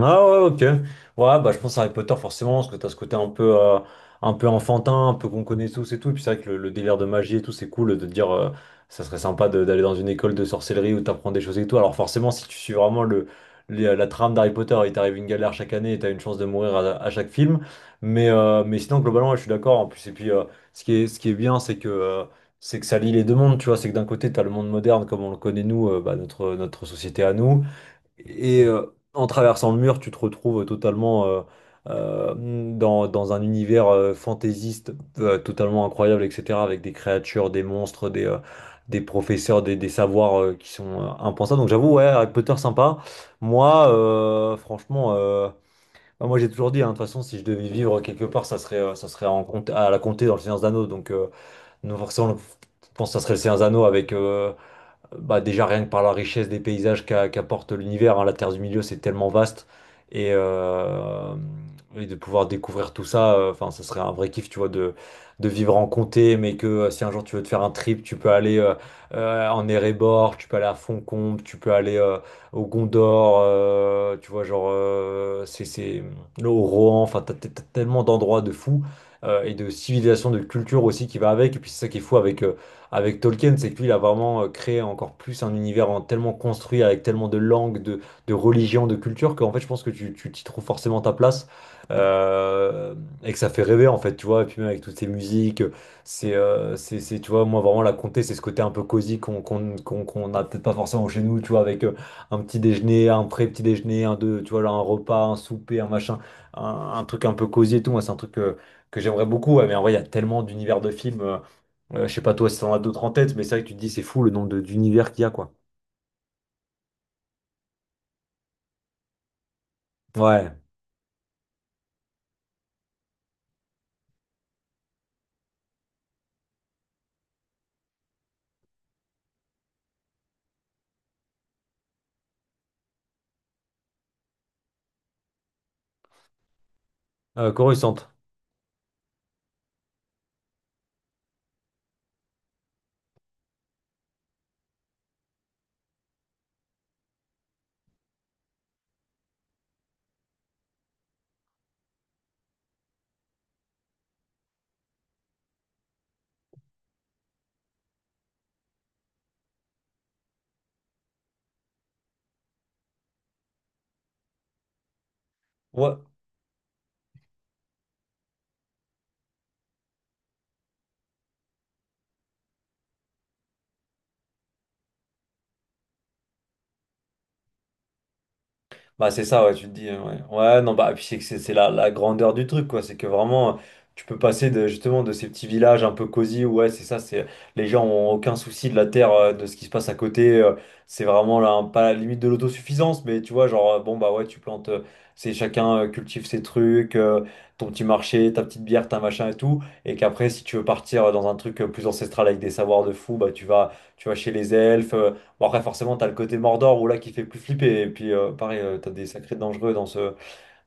Ah ouais, ok. Ouais, bah je pense à Harry Potter forcément, parce que t'as ce côté un peu enfantin, un peu qu'on connaît tous et tout. Et puis c'est vrai que le délire de magie et tout, c'est cool de te dire, ça serait sympa d'aller dans une école de sorcellerie où t'apprends des choses et tout. Alors forcément, si tu suis vraiment la trame d'Harry Potter, il t'arrive une galère chaque année et t'as une chance de mourir à chaque film. Mais sinon, globalement, ouais, je suis d'accord. En plus, et puis ce qui est bien, c'est que ça lie les deux mondes, tu vois, c'est que d'un côté, t'as le monde moderne comme on le connaît nous, bah, notre société à nous, et en traversant le mur, tu te retrouves totalement euh, dans un univers fantaisiste, totalement incroyable, etc. Avec des créatures, des monstres, des professeurs, des savoirs qui sont impensables. Donc j'avoue, ouais, Harry Potter sympa. Moi, franchement, bah, moi j'ai toujours dit, hein, de toute façon, si je devais vivre quelque part, ça serait à la comté dans le Seigneur des Anneaux. Donc non, forcément, je pense que ça serait le Seigneur des Anneaux avec... bah déjà rien que par la richesse des paysages qu'apporte l'univers, hein, la Terre du Milieu, c'est tellement vaste. Et, euh, et de pouvoir découvrir tout ça, enfin, ça serait un vrai kiff, tu vois, de vivre en comté, mais que si un jour tu veux te faire un trip, tu peux aller en Erebor, tu peux aller à Fontcombe, tu peux aller au Gondor, tu vois, genre, au Rohan, enfin, t'as tellement d'endroits de fous, et de civilisations, de culture aussi qui va avec. Et puis c'est ça qui est fou avec, avec Tolkien, c'est que lui, il a vraiment créé encore plus un univers tellement construit, avec tellement de langues, de religions, de cultures, qu'en fait, je pense que tu t'y trouves forcément ta place. euh, et que ça fait rêver, en fait, tu vois. Et puis même avec toutes ces musiques, c'est, tu vois, moi, vraiment, la comté, c'est ce côté un peu cosy qu'on a peut-être pas forcément chez nous, tu vois, avec un petit déjeuner, un pré-petit déjeuner, un deux, tu vois, là, un repas, un souper, un machin, un truc un peu cosy et tout. Moi, c'est un truc... que j'aimerais beaucoup, ouais, mais en vrai, il y a tellement d'univers de films. Je sais pas toi si t'en as d'autres en tête, mais c'est vrai que tu te dis c'est fou le nombre d'univers qu'il y a, quoi. Ouais. Coruscant. Ouais. Bah c'est ça, ouais, tu te dis, ouais. Ouais, non, bah, puis c'est que c'est la grandeur du truc, quoi. C'est que vraiment, tu peux passer de, justement de ces petits villages un peu cosy, où, ouais, c'est ça, c'est les gens ont aucun souci de la terre, de ce qui se passe à côté. C'est vraiment là, pas la limite de l'autosuffisance, mais tu vois, genre, bon, bah ouais, tu plantes, c'est chacun cultive ses trucs, ton petit marché, ta petite bière, ta machin et tout. Et qu'après, si tu veux partir dans un truc plus ancestral avec des savoirs de fou, bah tu vas chez les elfes. Bon, après, forcément, t'as le côté Mordor où là qui fait plus flipper. Et puis, pareil, t'as des sacrés dangereux dans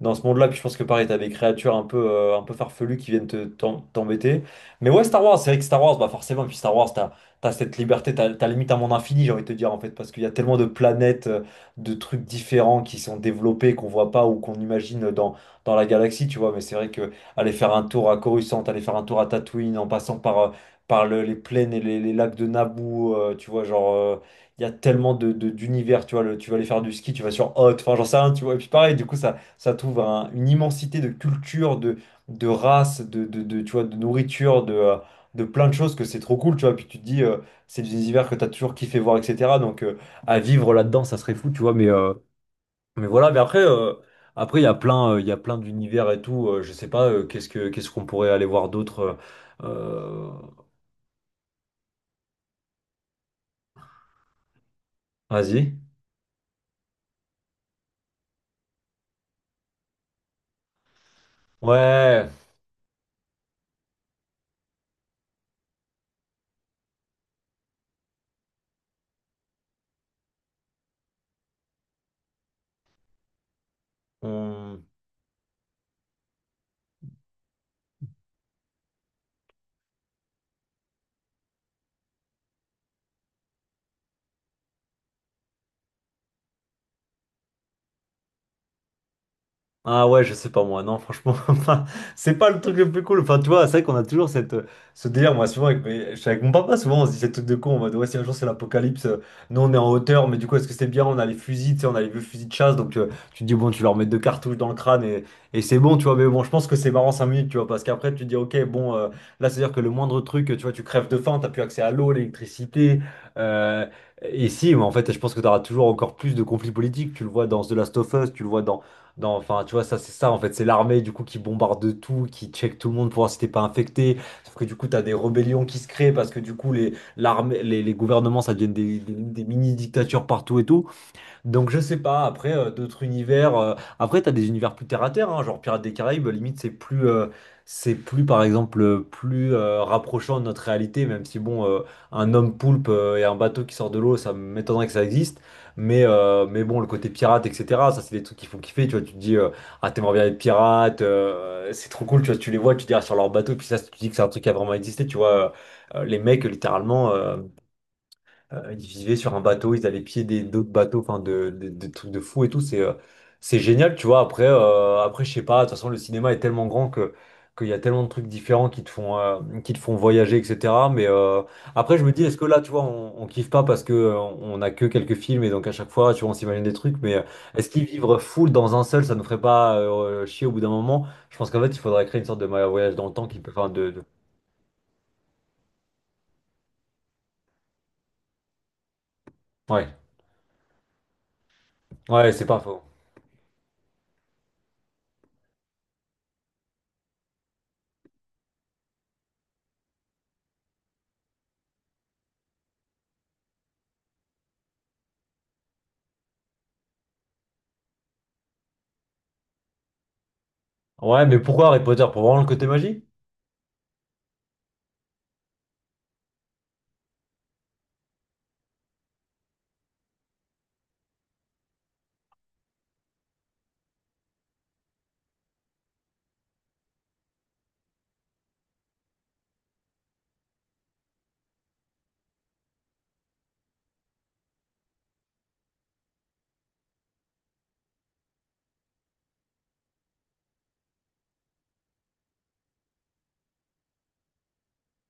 dans ce monde-là. Puis je pense que pareil, t'as des créatures un peu farfelues qui viennent t'embêter. Mais ouais, Star Wars, c'est vrai que Star Wars, bah forcément, puis Star Wars, t'as cette liberté, t'as limite un monde infini, j'ai envie de te dire, en fait, parce qu'il y a tellement de planètes, de trucs différents qui sont développés, qu'on voit pas ou qu'on imagine dans la galaxie, tu vois. Mais c'est vrai que aller faire un tour à Coruscant, aller faire un tour à Tatooine, en passant par, par les plaines et les lacs de Naboo, tu vois, genre. Il y a tellement de, d'univers, tu vois, tu vas aller faire du ski, tu vas sur Hot, enfin j'en sais rien, tu vois, et puis pareil, du coup, ça trouve une immensité de culture, de races, de, tu vois, de nourriture, de plein de choses que c'est trop cool, tu vois. Puis tu te dis, c'est des univers que tu as toujours kiffé voir, etc. Donc à vivre là-dedans, ça serait fou, tu vois. Mais voilà, mais après, après il y a plein, il y a plein d'univers et tout. Je sais pas, qu'est-ce que, qu'est-ce qu'on pourrait aller voir d'autre. Euh, Vas-y. Ouais. on- Ah ouais, je sais pas moi, non, franchement, enfin, c'est pas le truc le plus cool. Enfin, tu vois, c'est vrai qu'on a toujours cette, ce délire, moi, souvent, avec, je suis avec mon papa, souvent, on se dit ces trucs de con, en mode, ouais, si un jour c'est l'apocalypse, nous on est en hauteur, mais du coup, est-ce que c'est bien? On a les fusils, tu sais, on a les vieux fusils de chasse, donc tu te dis, bon, tu leur mets deux cartouches dans le crâne et c'est bon, tu vois, mais bon, je pense que c'est marrant 5 minutes, tu vois, parce qu'après, tu te dis, ok, bon, là, c'est-à-dire que le moindre truc, tu vois, tu crèves de faim, t'as plus accès à l'eau, l'électricité, euh, et si, mais en fait, je pense que t'auras toujours encore plus de conflits politiques, tu le vois dans The Last of Us, tu le vois dans. Non, enfin, tu vois, ça, c'est ça, en fait. C'est l'armée, du coup, qui bombarde de tout, qui check tout le monde pour voir si t'es pas infecté. Sauf que, du coup, t'as des rébellions qui se créent parce que, du coup, les, l'armée, les gouvernements, ça devient des, des mini-dictatures partout et tout. Donc je sais pas, après d'autres univers, après t'as des univers plus terre à terre, hein, genre Pirates des Caraïbes, limite c'est plus par exemple plus rapprochant de notre réalité, même si bon, un homme poulpe et un bateau qui sort de l'eau, ça m'étonnerait que ça existe, mais bon, le côté pirate, etc., ça c'est des trucs qui font kiffer, tu vois, tu te dis, ah t'aimerais bien être pirate, c'est trop cool, tu vois, tu les vois, tu te dis, ah, sur leur bateau, puis ça, tu te dis que c'est un truc qui a vraiment existé, tu vois, les mecs littéralement. Ils vivaient sur un bateau, ils allaient piéder d'autres bateaux, enfin de, de trucs de fous et tout. C'est génial, tu vois. Après, après, je sais pas. De toute façon, le cinéma est tellement grand que qu'il y a tellement de trucs différents qui te font voyager, etc. Mais après, je me dis, est-ce que là, tu vois, on kiffe pas parce que on a que quelques films et donc à chaque fois, tu vois, on s'imagine des trucs. Mais est-ce qu'ils vivre full dans un seul, ça nous ferait pas chier au bout d'un moment? Je pense qu'en fait, il faudrait créer une sorte de voyage dans le temps qui peut, enfin, de, ouais, ouais, c'est pas faux. Ouais, mais pourquoi Harry Potter? Pour vraiment le côté magie?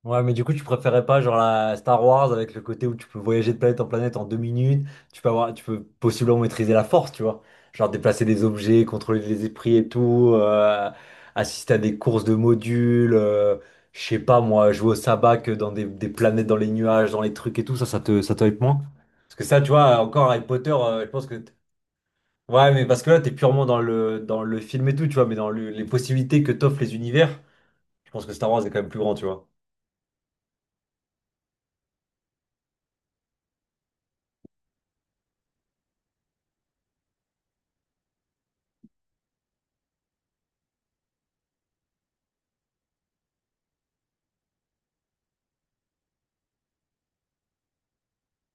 Ouais, mais du coup, tu préférais pas genre la Star Wars avec le côté où tu peux voyager de planète en planète en 2 minutes, tu peux avoir, tu peux possiblement maîtriser la force, tu vois. Genre déplacer des objets, contrôler les esprits et tout, assister à des courses de modules, je sais pas moi, jouer au sabac dans des planètes dans les nuages, dans les trucs et tout, ça, ça te hype moins? Parce que ça, tu vois, encore Harry Potter, je pense que. Ouais, mais parce que là, t'es purement dans dans le film et tout, tu vois, mais dans les possibilités que t'offrent les univers. Je pense que Star Wars est quand même plus grand, tu vois.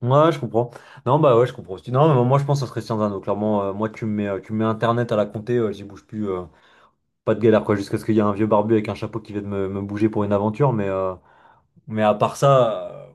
Ouais, je comprends. Non, bah ouais, je comprends aussi. Non, mais moi, je pense que ça serait Sciences Inno. Clairement, moi, tu me mets Internet à la compter, j'y bouge plus. Pas de galère, quoi. Jusqu'à ce qu'il y ait un vieux barbu avec un chapeau qui vient de me bouger pour une aventure. Mais à part ça.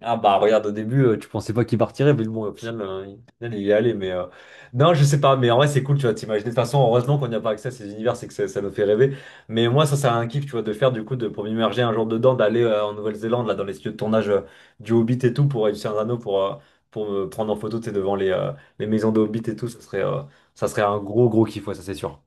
Ah bah regarde au début tu pensais pas qu'il partirait mais bon au final, il au final, il est allé mais non je sais pas mais en vrai c'est cool tu vois, t'imagines, de toute façon heureusement qu'on n'y a pas accès à ces univers, c'est que ça nous fait rêver, mais moi ça c'est un kiff tu vois, de faire du coup de pour m'immerger un jour dedans, d'aller en Nouvelle-Zélande là dans les studios de tournage du Hobbit et tout, pour réussir un anneau pour me prendre en photo tu sais, devant les maisons de Hobbit et tout, ça serait un gros gros kiff, ouais ça c'est sûr.